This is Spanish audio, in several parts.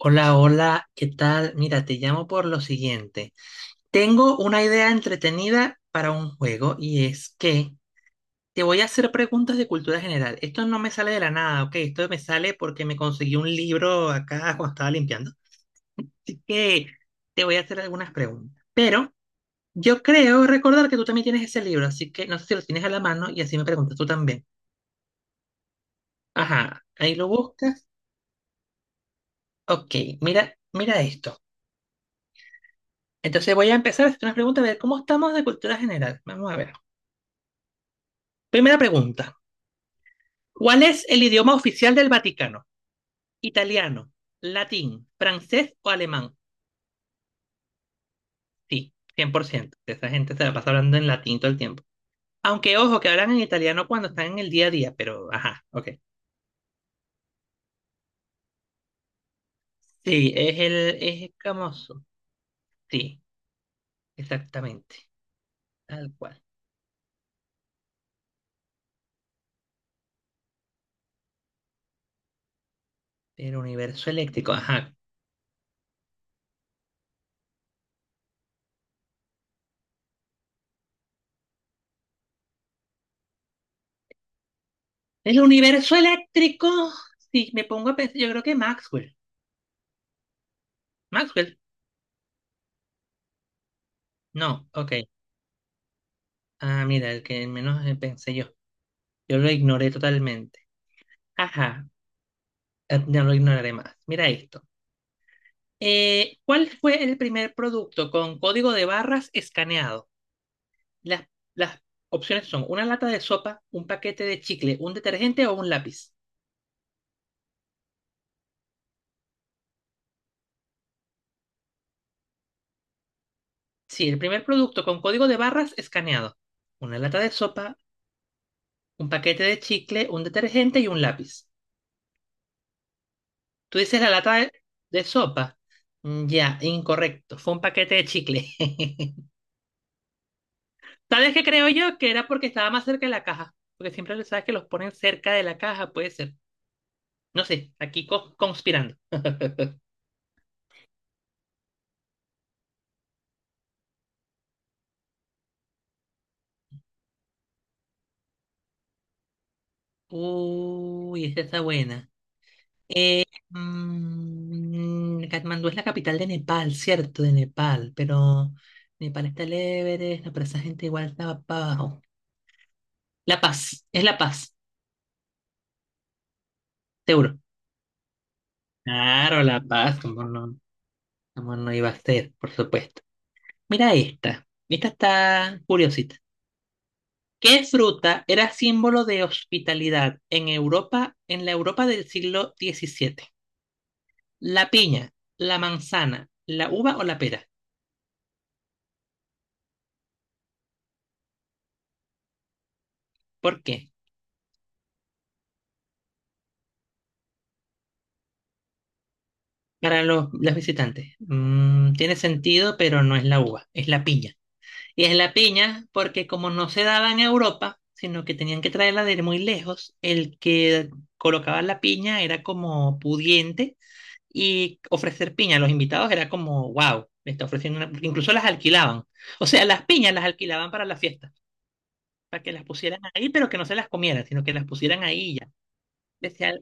Hola, hola, ¿qué tal? Mira, te llamo por lo siguiente. Tengo una idea entretenida para un juego y es que te voy a hacer preguntas de cultura general. Esto no me sale de la nada, ¿ok? Esto me sale porque me conseguí un libro acá cuando estaba limpiando. Así que te voy a hacer algunas preguntas. Pero yo creo recordar que tú también tienes ese libro, así que no sé si lo tienes a la mano y así me preguntas tú también. Ajá, ahí lo buscas. Ok, mira, mira esto. Entonces voy a empezar a hacer unas preguntas de cómo estamos de cultura general. Vamos a ver. Primera pregunta. ¿Cuál es el idioma oficial del Vaticano? ¿Italiano, latín, francés o alemán? Sí, 100%. Esa gente se la pasa hablando en latín todo el tiempo. Aunque ojo, que hablan en italiano cuando están en el día a día, pero ajá, ok. Sí, es el famoso. Sí, exactamente. Tal cual. El universo eléctrico, ajá. El universo eléctrico. Sí, me pongo a pensar. Yo creo que Maxwell. Maxwell. No, ok. Ah, mira, el que menos pensé yo. Yo lo ignoré totalmente. Ajá, no lo ignoraré más. Mira esto. ¿Cuál fue el primer producto con código de barras escaneado? Las, las opciones son una lata de sopa, un paquete de chicle, un detergente o un lápiz. Sí, el primer producto con código de barras escaneado. Una lata de sopa, un paquete de chicle, un detergente y un lápiz. Tú dices la lata de sopa. Mm, ya, incorrecto. Fue un paquete de chicle. ¿Sabes qué creo yo? Que era porque estaba más cerca de la caja. Porque siempre le sabes que los ponen cerca de la caja, puede ser. No sé, aquí conspirando. Uy, esa está buena. Eh, Katmandú es la capital de Nepal, cierto, de Nepal, pero Nepal está el Everest, no, pero esa gente igual estaba para abajo. La Paz, es La Paz, seguro. Claro, La Paz, como no, cómo no iba a ser, por supuesto. Mira esta está curiosita. ¿Qué fruta era símbolo de hospitalidad en Europa, en la Europa del siglo XVII? ¿La piña, la manzana, la uva o la pera? ¿Por qué? Para los visitantes. Tiene sentido, pero no es la uva, es la piña. Y es la piña porque como no se daba en Europa, sino que tenían que traerla de muy lejos, el que colocaba la piña era como pudiente y ofrecer piña a los invitados era como, wow, le está ofreciendo una. Porque incluso las alquilaban. O sea, las piñas las alquilaban para la fiesta, para que las pusieran ahí, pero que no se las comieran, sino que las pusieran ahí y ya. Decía,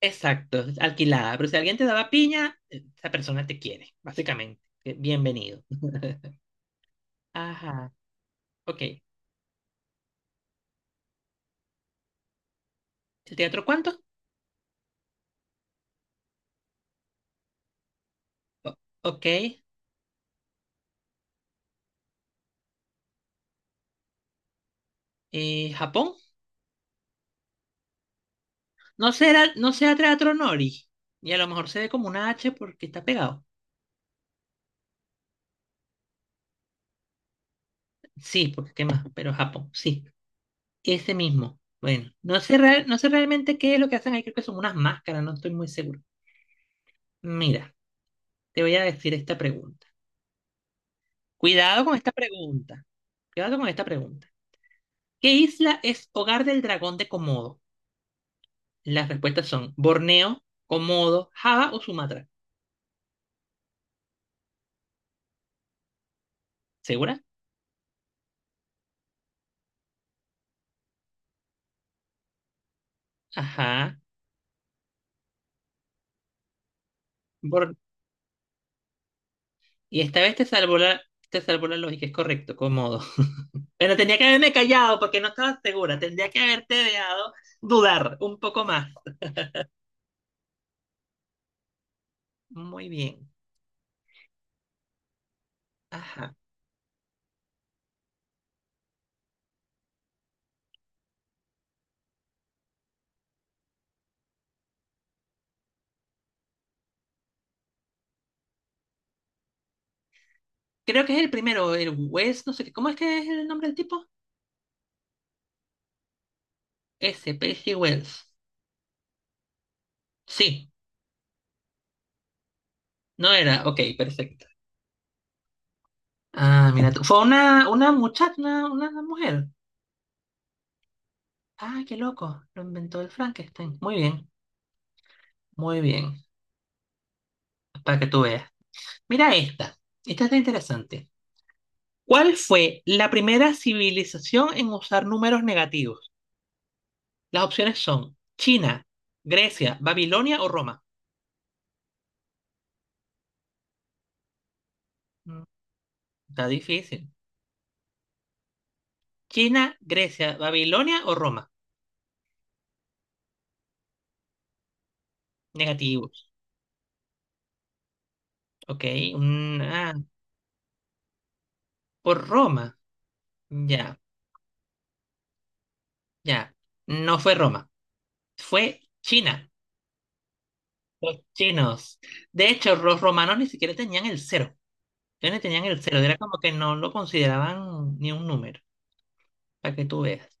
exacto, alquilada. Pero si alguien te daba piña, esa persona te quiere, básicamente. Bienvenido. Ajá, ok. ¿El teatro cuánto? O- ok. ¿Japón? No será, no sea teatro Nori. Y a lo mejor se ve como una H porque está pegado. Sí, porque qué más, pero Japón, sí. Ese mismo. Bueno, no sé, no sé realmente qué es lo que hacen ahí, creo que son unas máscaras, no estoy muy seguro. Mira, te voy a decir esta pregunta. Cuidado con esta pregunta. Cuidado con esta pregunta. ¿Qué isla es hogar del dragón de Komodo? Las respuestas son Borneo, Komodo, Java o Sumatra. ¿Segura? Ajá. Bor- y esta vez te salvó la lógica, es correcto, Komodo. Pero tenía que haberme callado porque no estaba segura. Tendría que haberte dejado dudar un poco más. Muy bien. Ajá. Creo que es el primero, el Wells, no sé qué. ¿Cómo es que es el nombre del tipo? Ese, Percy Wells. Sí, no era. Ok, perfecto. Ah, mira tú. Fue una muchacha, una mujer. Ah, qué loco. Lo inventó el Frankenstein. Muy bien, muy bien. Para que tú veas. Mira esta. Esta está interesante. ¿Cuál fue la primera civilización en usar números negativos? Las opciones son China, Grecia, Babilonia o Roma. Mm, Está difícil. China, Grecia, Babilonia o Roma. Negativos, ok. Mm, ah, por Roma, ya, ya. No fue Roma, fue China, los chinos. De hecho, los romanos ni siquiera tenían el cero, ellos ni tenían el cero, era como que no lo consideraban ni un número, para que tú veas.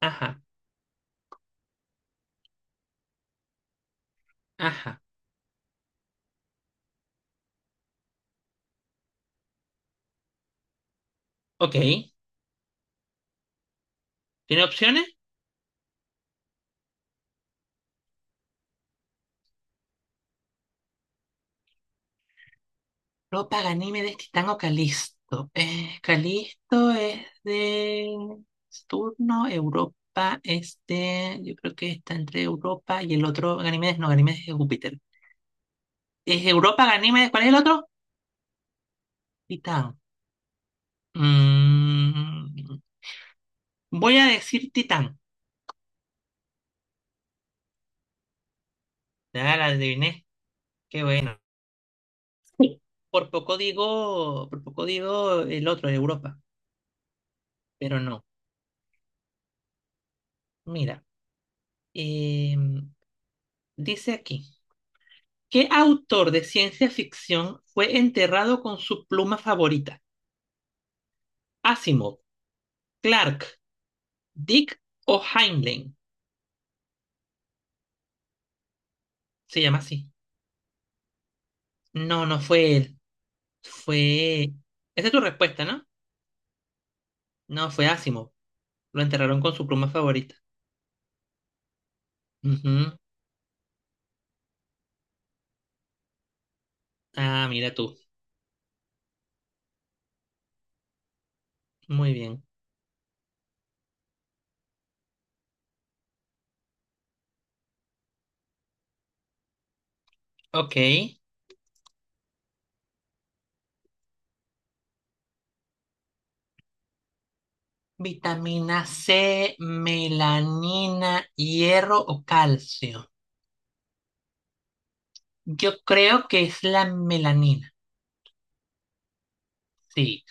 Ajá, ajá, ok. ¿Tiene opciones? No, Paganimedes, Titán o Calisto. Calisto es de Saturno, Europa es de, yo creo que está entre Europa y el otro, Ganímedes, no, Ganímedes es de Júpiter. Es Europa, Ganímedes, ¿cuál es el otro? Titán. Mm, Voy a decir Titán. Ya la adiviné, qué bueno. Sí. Por poco digo el otro, Europa, pero no. Mira, em, dice aquí. ¿Qué autor de ciencia ficción fue enterrado con su pluma favorita? Asimov, Clark, Dick o Heinlein. Se llama así. No, no fue él. Fue... Esa es tu respuesta, ¿no? No, fue Asimov. Lo enterraron con su pluma favorita. Ujú. Ah, mira tú. Muy bien. Ok. Vitamina C, melanina, hierro o calcio. Yo creo que es la melanina. Sí,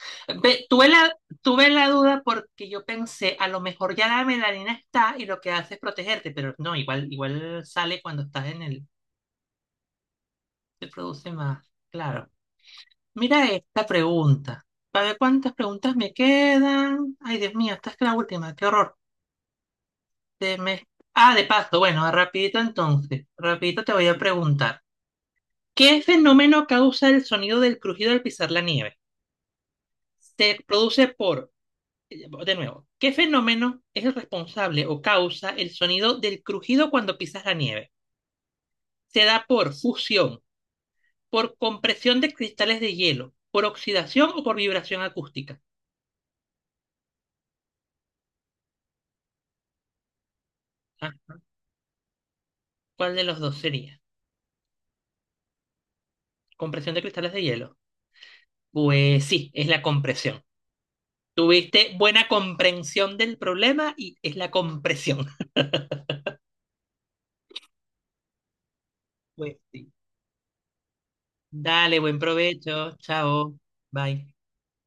ve, tuve la duda porque yo pensé, a lo mejor ya la melanina está y lo que hace es protegerte, pero no, igual, igual sale cuando estás en el, se produce más, claro. Mira esta pregunta, para ver cuántas preguntas me quedan. Ay, Dios mío, esta es la última, qué horror. Se me- Ah, de paso, bueno, rapidito entonces, rapidito te voy a preguntar, ¿qué fenómeno causa el sonido del crujido al pisar la nieve? ¿Se produce por De nuevo, ¿qué fenómeno es el responsable o causa el sonido del crujido cuando pisas la nieve? ¿Se da por fusión, por compresión de cristales de hielo, por oxidación o por vibración acústica? Ah, ¿cuál de los dos sería? ¿Compresión de cristales de hielo? Pues sí, es la compresión. Tuviste buena comprensión del problema y es la compresión. Pues sí. Dale, buen provecho. Chao. Bye.